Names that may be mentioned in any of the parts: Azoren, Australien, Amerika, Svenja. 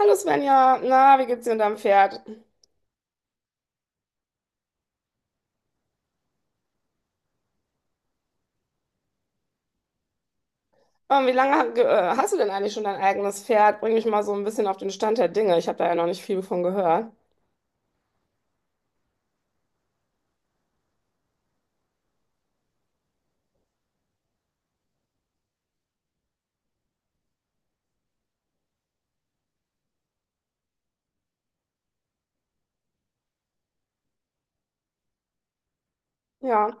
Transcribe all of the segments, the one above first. Hallo Svenja, na, wie geht's dir und deinem Pferd? Wie lange hast du denn eigentlich schon dein eigenes Pferd? Bring mich mal so ein bisschen auf den Stand der Dinge. Ich habe da ja noch nicht viel von gehört. Ja.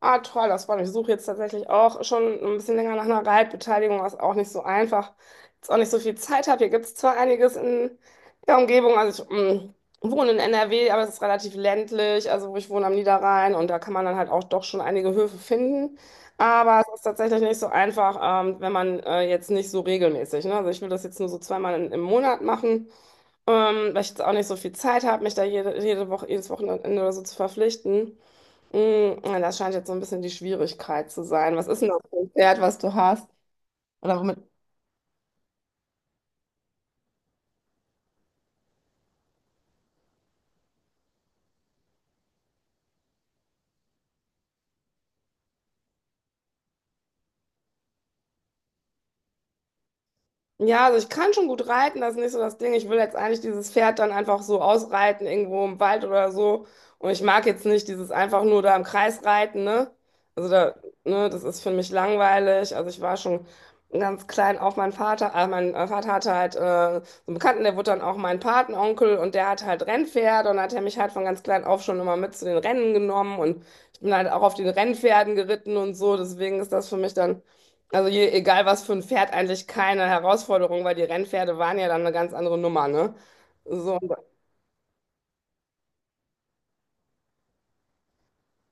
Ah, toll, das freut mich. Ich suche jetzt tatsächlich auch schon ein bisschen länger nach einer Reitbeteiligung, was auch nicht so einfach, jetzt auch nicht so viel Zeit habe. Hier gibt es zwar einiges in der Umgebung, also ich wohne in NRW, aber es ist relativ ländlich, also wo ich wohne am Niederrhein, und da kann man dann halt auch doch schon einige Höfe finden. Aber es ist tatsächlich nicht so einfach, wenn man jetzt nicht so regelmäßig, ne? Also ich will das jetzt nur so zweimal im Monat machen. Weil ich jetzt auch nicht so viel Zeit habe, mich da jede Woche, jedes Wochenende oder so zu verpflichten. Mm, ja, das scheint jetzt so ein bisschen die Schwierigkeit zu sein. Was ist denn das für ein Pferd, was du hast? Oder womit? Ja, also ich kann schon gut reiten, das ist nicht so das Ding. Ich will jetzt eigentlich dieses Pferd dann einfach so ausreiten, irgendwo im Wald oder so. Und ich mag jetzt nicht dieses einfach nur da im Kreis reiten, ne? Also da, ne, das ist für mich langweilig. Also ich war schon ganz klein auf mein Vater hatte halt so einen Bekannten, der wurde dann auch mein Patenonkel, und der hat halt Rennpferde und hat er mich halt von ganz klein auf schon immer mit zu den Rennen genommen, und ich bin halt auch auf den Rennpferden geritten und so. Deswegen ist das für mich dann. Also egal was für ein Pferd, eigentlich keine Herausforderung, weil die Rennpferde waren ja dann eine ganz andere Nummer, ne? So, und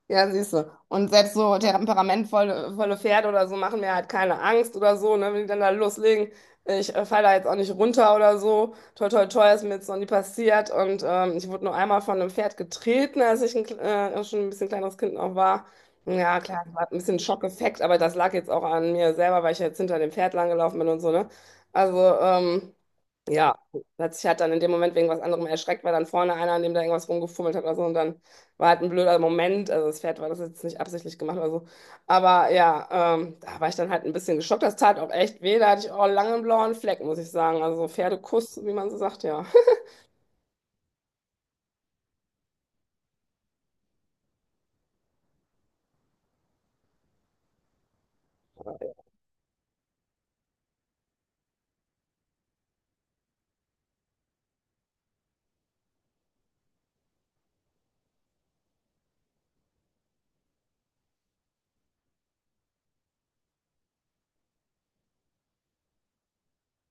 ja, siehst du. Und selbst so temperamentvolle volle Pferde oder so machen mir halt keine Angst oder so, ne? Wenn die dann da loslegen, ich falle da jetzt auch nicht runter oder so. Toi, toi, toi, ist mir jetzt noch nie passiert. Und ich wurde nur einmal von einem Pferd getreten, als ich schon ein bisschen kleineres Kind noch war. Ja, klar, das war ein bisschen Schockeffekt, aber das lag jetzt auch an mir selber, weil ich jetzt hinter dem Pferd langgelaufen bin und so, ne? Also, ja, hat sich halt dann in dem Moment wegen was anderem erschreckt, weil dann vorne einer, an dem da irgendwas rumgefummelt hat oder so, und dann war halt ein blöder Moment, also das Pferd war das jetzt nicht absichtlich gemacht oder so, aber ja, da war ich dann halt ein bisschen geschockt, das tat auch echt weh, da hatte ich auch lange einen blauen Fleck, muss ich sagen, also so Pferdekuss, wie man so sagt, ja.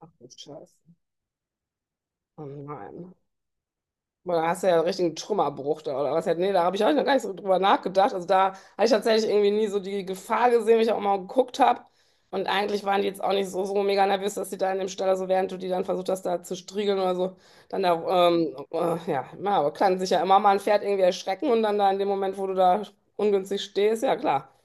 Ach du Scheiße, oh nein. Boah, da hast du ja einen richtigen Trümmerbruch da oder was halt. Nee, da habe ich auch noch gar nicht so drüber nachgedacht. Also da habe ich tatsächlich irgendwie nie so die Gefahr gesehen, wenn ich auch mal geguckt habe. Und eigentlich waren die jetzt auch nicht so, so mega nervös, dass die da in dem Stall, also während du die dann versucht hast, da zu striegeln oder so, dann da, ja, na, aber kann sich ja immer mal ein Pferd irgendwie erschrecken und dann da in dem Moment, wo du da ungünstig stehst, ja klar. Ja.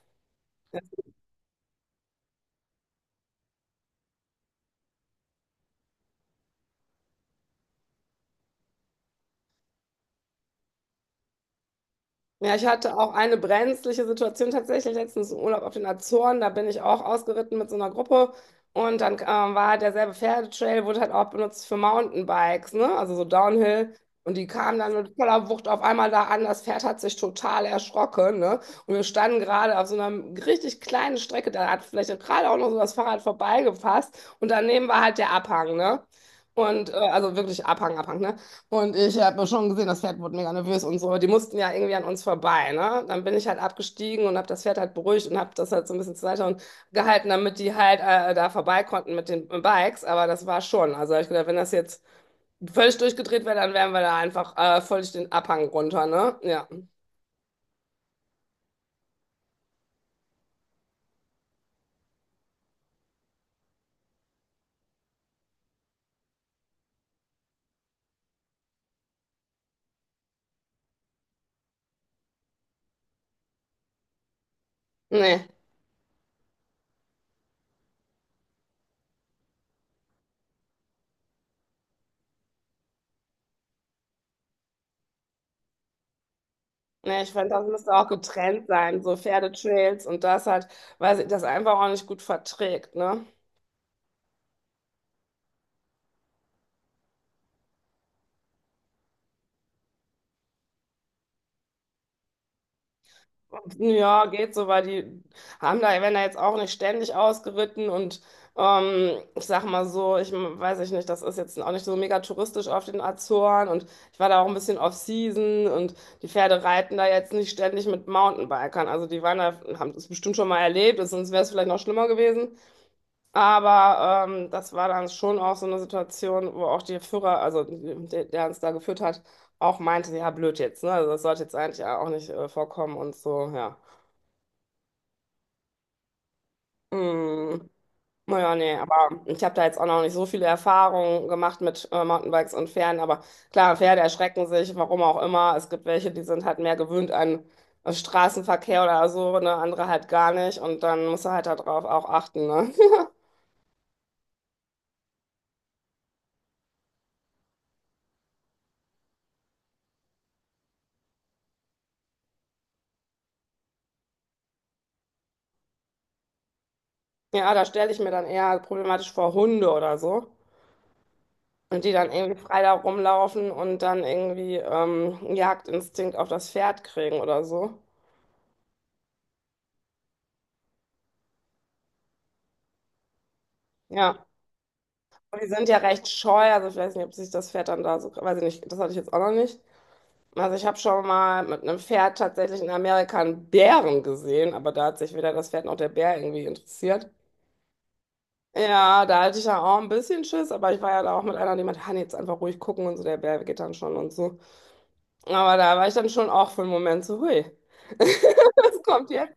Ja, ich hatte auch eine brenzliche Situation tatsächlich letztens im Urlaub auf den Azoren. Da bin ich auch ausgeritten mit so einer Gruppe. Und dann war halt derselbe Pferdetrail, wurde halt auch benutzt für Mountainbikes, ne? Also so Downhill. Und die kamen dann mit voller Wucht auf einmal da an. Das Pferd hat sich total erschrocken, ne? Und wir standen gerade auf so einer richtig kleinen Strecke. Da hat vielleicht gerade auch noch so das Fahrrad vorbeigepasst. Und daneben war halt der Abhang, ne? Und also wirklich Abhang, Abhang, ne? Und ich habe schon gesehen, das Pferd wurde mega nervös und so. Die mussten ja irgendwie an uns vorbei, ne? Dann bin ich halt abgestiegen und habe das Pferd halt beruhigt und habe das halt so ein bisschen zur Seite und gehalten, damit die halt da vorbei konnten mit den Bikes. Aber das war schon. Also hab ich gedacht, wenn das jetzt völlig durchgedreht wäre, dann wären wir da einfach völlig den Abhang runter, ne? Ja. Nee. Nee, ich finde, das müsste auch getrennt sein, so Pferdetrails und das halt, weil sie das einfach auch nicht gut verträgt, ne? Ja, geht so, weil die haben da, werden da jetzt auch nicht ständig ausgeritten, und ich sag mal so, weiß ich nicht, das ist jetzt auch nicht so mega touristisch auf den Azoren, und ich war da auch ein bisschen off-season, und die Pferde reiten da jetzt nicht ständig mit Mountainbikern. Also die waren da, haben das bestimmt schon mal erlebt, sonst wäre es vielleicht noch schlimmer gewesen. Aber das war dann schon auch so eine Situation, wo auch der Führer, also der, der uns da geführt hat, auch meinte, ja, blöd jetzt, ne? Also das sollte jetzt eigentlich auch nicht vorkommen und so, ja. Mm, naja, nee, aber ich habe da jetzt auch noch nicht so viele Erfahrungen gemacht mit Mountainbikes und Pferden. Aber klar, Pferde erschrecken sich, warum auch immer. Es gibt welche, die sind halt mehr gewöhnt an Straßenverkehr oder so, ne? Andere halt gar nicht. Und dann musst du halt darauf auch achten, ne? Ja, da stelle ich mir dann eher problematisch vor Hunde oder so. Und die dann irgendwie frei da rumlaufen und dann irgendwie Jagdinstinkt auf das Pferd kriegen oder so. Ja. Und die sind ja recht scheu, also ich weiß nicht, ob sich das Pferd dann da so, weiß ich nicht, das hatte ich jetzt auch noch nicht. Also ich habe schon mal mit einem Pferd tatsächlich in Amerika einen Bären gesehen, aber da hat sich weder das Pferd noch der Bär irgendwie interessiert. Ja, da hatte ich ja auch ein bisschen Schiss, aber ich war ja da auch mit einer, die meinte, Hanni, jetzt einfach ruhig gucken und so, der Bär geht dann schon und so. Aber da war ich dann schon auch für einen Moment so, hui, was kommt hier?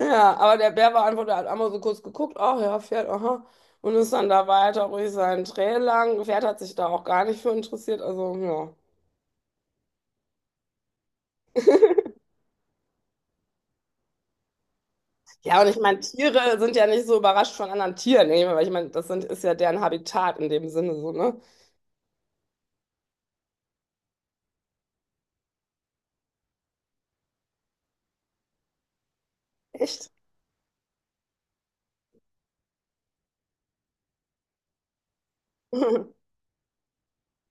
Ja, aber der Bär beantwortet, hat einmal so kurz geguckt, ach ja, Pferd, aha. Und ist dann da weiter ruhig seinen Trail lang. Pferd hat sich da auch gar nicht für interessiert, also ja. Ja, und ich meine, Tiere sind ja nicht so überrascht von anderen Tieren, ne? Weil ich meine, das sind, ist ja deren Habitat in dem Sinne so, ne? Echt?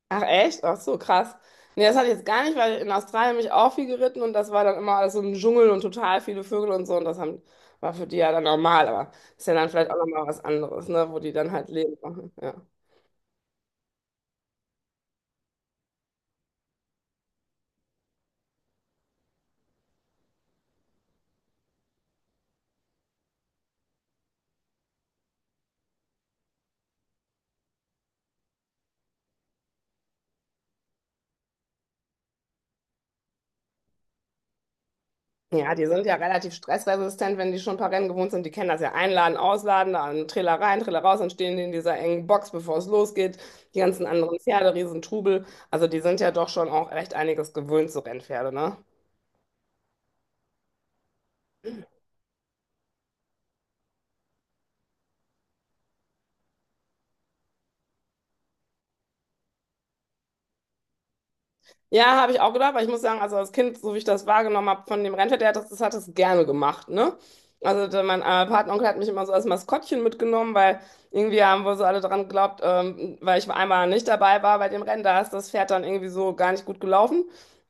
Ach, echt? Ach so, krass. Nee, das hatte ich jetzt gar nicht, weil in Australien bin ich auch viel geritten, und das war dann immer alles so ein Dschungel und total viele Vögel und so, und das haben, war für die ja dann normal, aber ist ja dann vielleicht auch nochmal was anderes, ne? Wo die dann halt leben. Ja. Ja, die sind ja relativ stressresistent, wenn die schon ein paar Rennen gewohnt sind. Die kennen das ja, einladen, ausladen, dann Trailer rein, Trailer raus, dann stehen die in dieser engen Box, bevor es losgeht. Die ganzen anderen Pferde, Riesentrubel. Also die sind ja doch schon auch recht einiges gewöhnt, so Rennpferde, ne? Ja, habe ich auch gedacht, weil ich muss sagen, also als Kind, so wie ich das wahrgenommen habe von dem Rentner, der hat das, das hat es gerne gemacht, ne? Also der, mein Patenonkel hat mich immer so als Maskottchen mitgenommen, weil irgendwie haben wohl so alle dran geglaubt, weil ich einmal nicht dabei war bei dem Rennen, da ist das Pferd dann irgendwie so gar nicht gut gelaufen.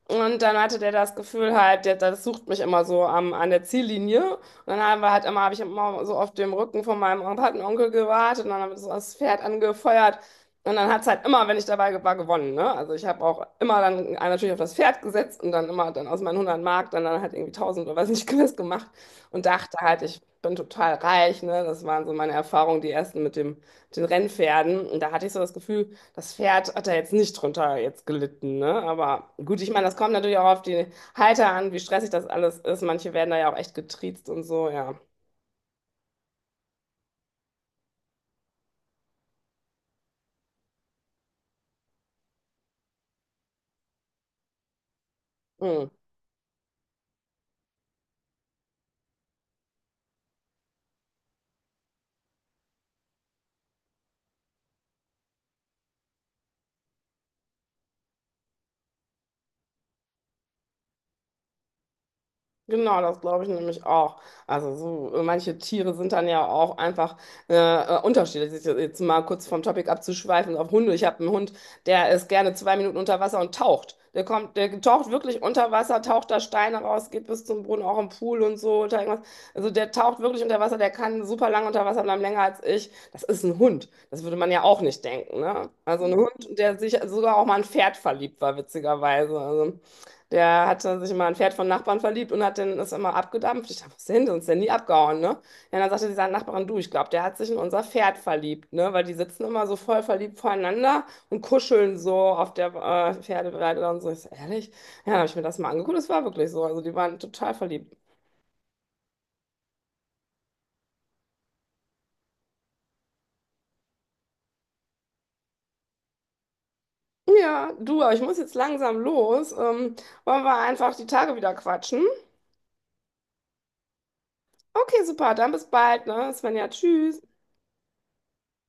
Und dann hatte der das Gefühl halt, der, das sucht mich immer so am, an der Ziellinie. Und dann haben wir halt immer, habe ich immer so auf dem Rücken von meinem Patenonkel gewartet, und dann haben wir so das Pferd angefeuert. Und dann hat es halt immer, wenn ich dabei war, gewonnen, ne? Also ich habe auch immer dann natürlich auf das Pferd gesetzt und dann immer dann aus meinen 100 Mark dann halt irgendwie 1000 oder weiß nicht, Quiz gemacht und dachte halt, ich bin total reich, ne? Das waren so meine Erfahrungen, die ersten mit dem, mit den Rennpferden. Und da hatte ich so das Gefühl, das Pferd hat da jetzt nicht drunter jetzt gelitten, ne? Aber gut, ich meine, das kommt natürlich auch auf die Halter an, wie stressig das alles ist. Manche werden da ja auch echt getriezt und so, ja. Hm. Genau, das glaube ich nämlich auch. Also so manche Tiere sind dann ja auch einfach unterschiedlich. Jetzt mal kurz vom Topic abzuschweifen auf Hunde. Ich habe einen Hund, der ist gerne 2 Minuten unter Wasser und taucht. Der kommt, der taucht wirklich unter Wasser, taucht da Steine raus, geht bis zum Boden, auch im Pool und so oder irgendwas. Also der taucht wirklich unter Wasser, der kann super lange unter Wasser bleiben, länger als ich. Das ist ein Hund. Das würde man ja auch nicht denken, ne? Also ein Hund, der sich sogar auch mal in ein Pferd verliebt war, witzigerweise. Also, der hatte sich immer in ein Pferd von Nachbarn verliebt und hat den, ist immer abgedampft. Ich dachte, was ist denn? Sonst ist nie abgehauen, ne? Ja, dann sagte dieser Nachbarin, du, ich glaube, der hat sich in unser Pferd verliebt, ne? Weil die sitzen immer so voll verliebt voreinander und kuscheln so auf der Pferdeweide und so. Ich so, ehrlich? Ja, dann habe ich mir das mal angeguckt. Das war wirklich so. Also die waren total verliebt. Ja, du, aber ich muss jetzt langsam los. Wollen wir einfach die Tage wieder quatschen? Okay, super. Dann bis bald, ne? Svenja, tschüss.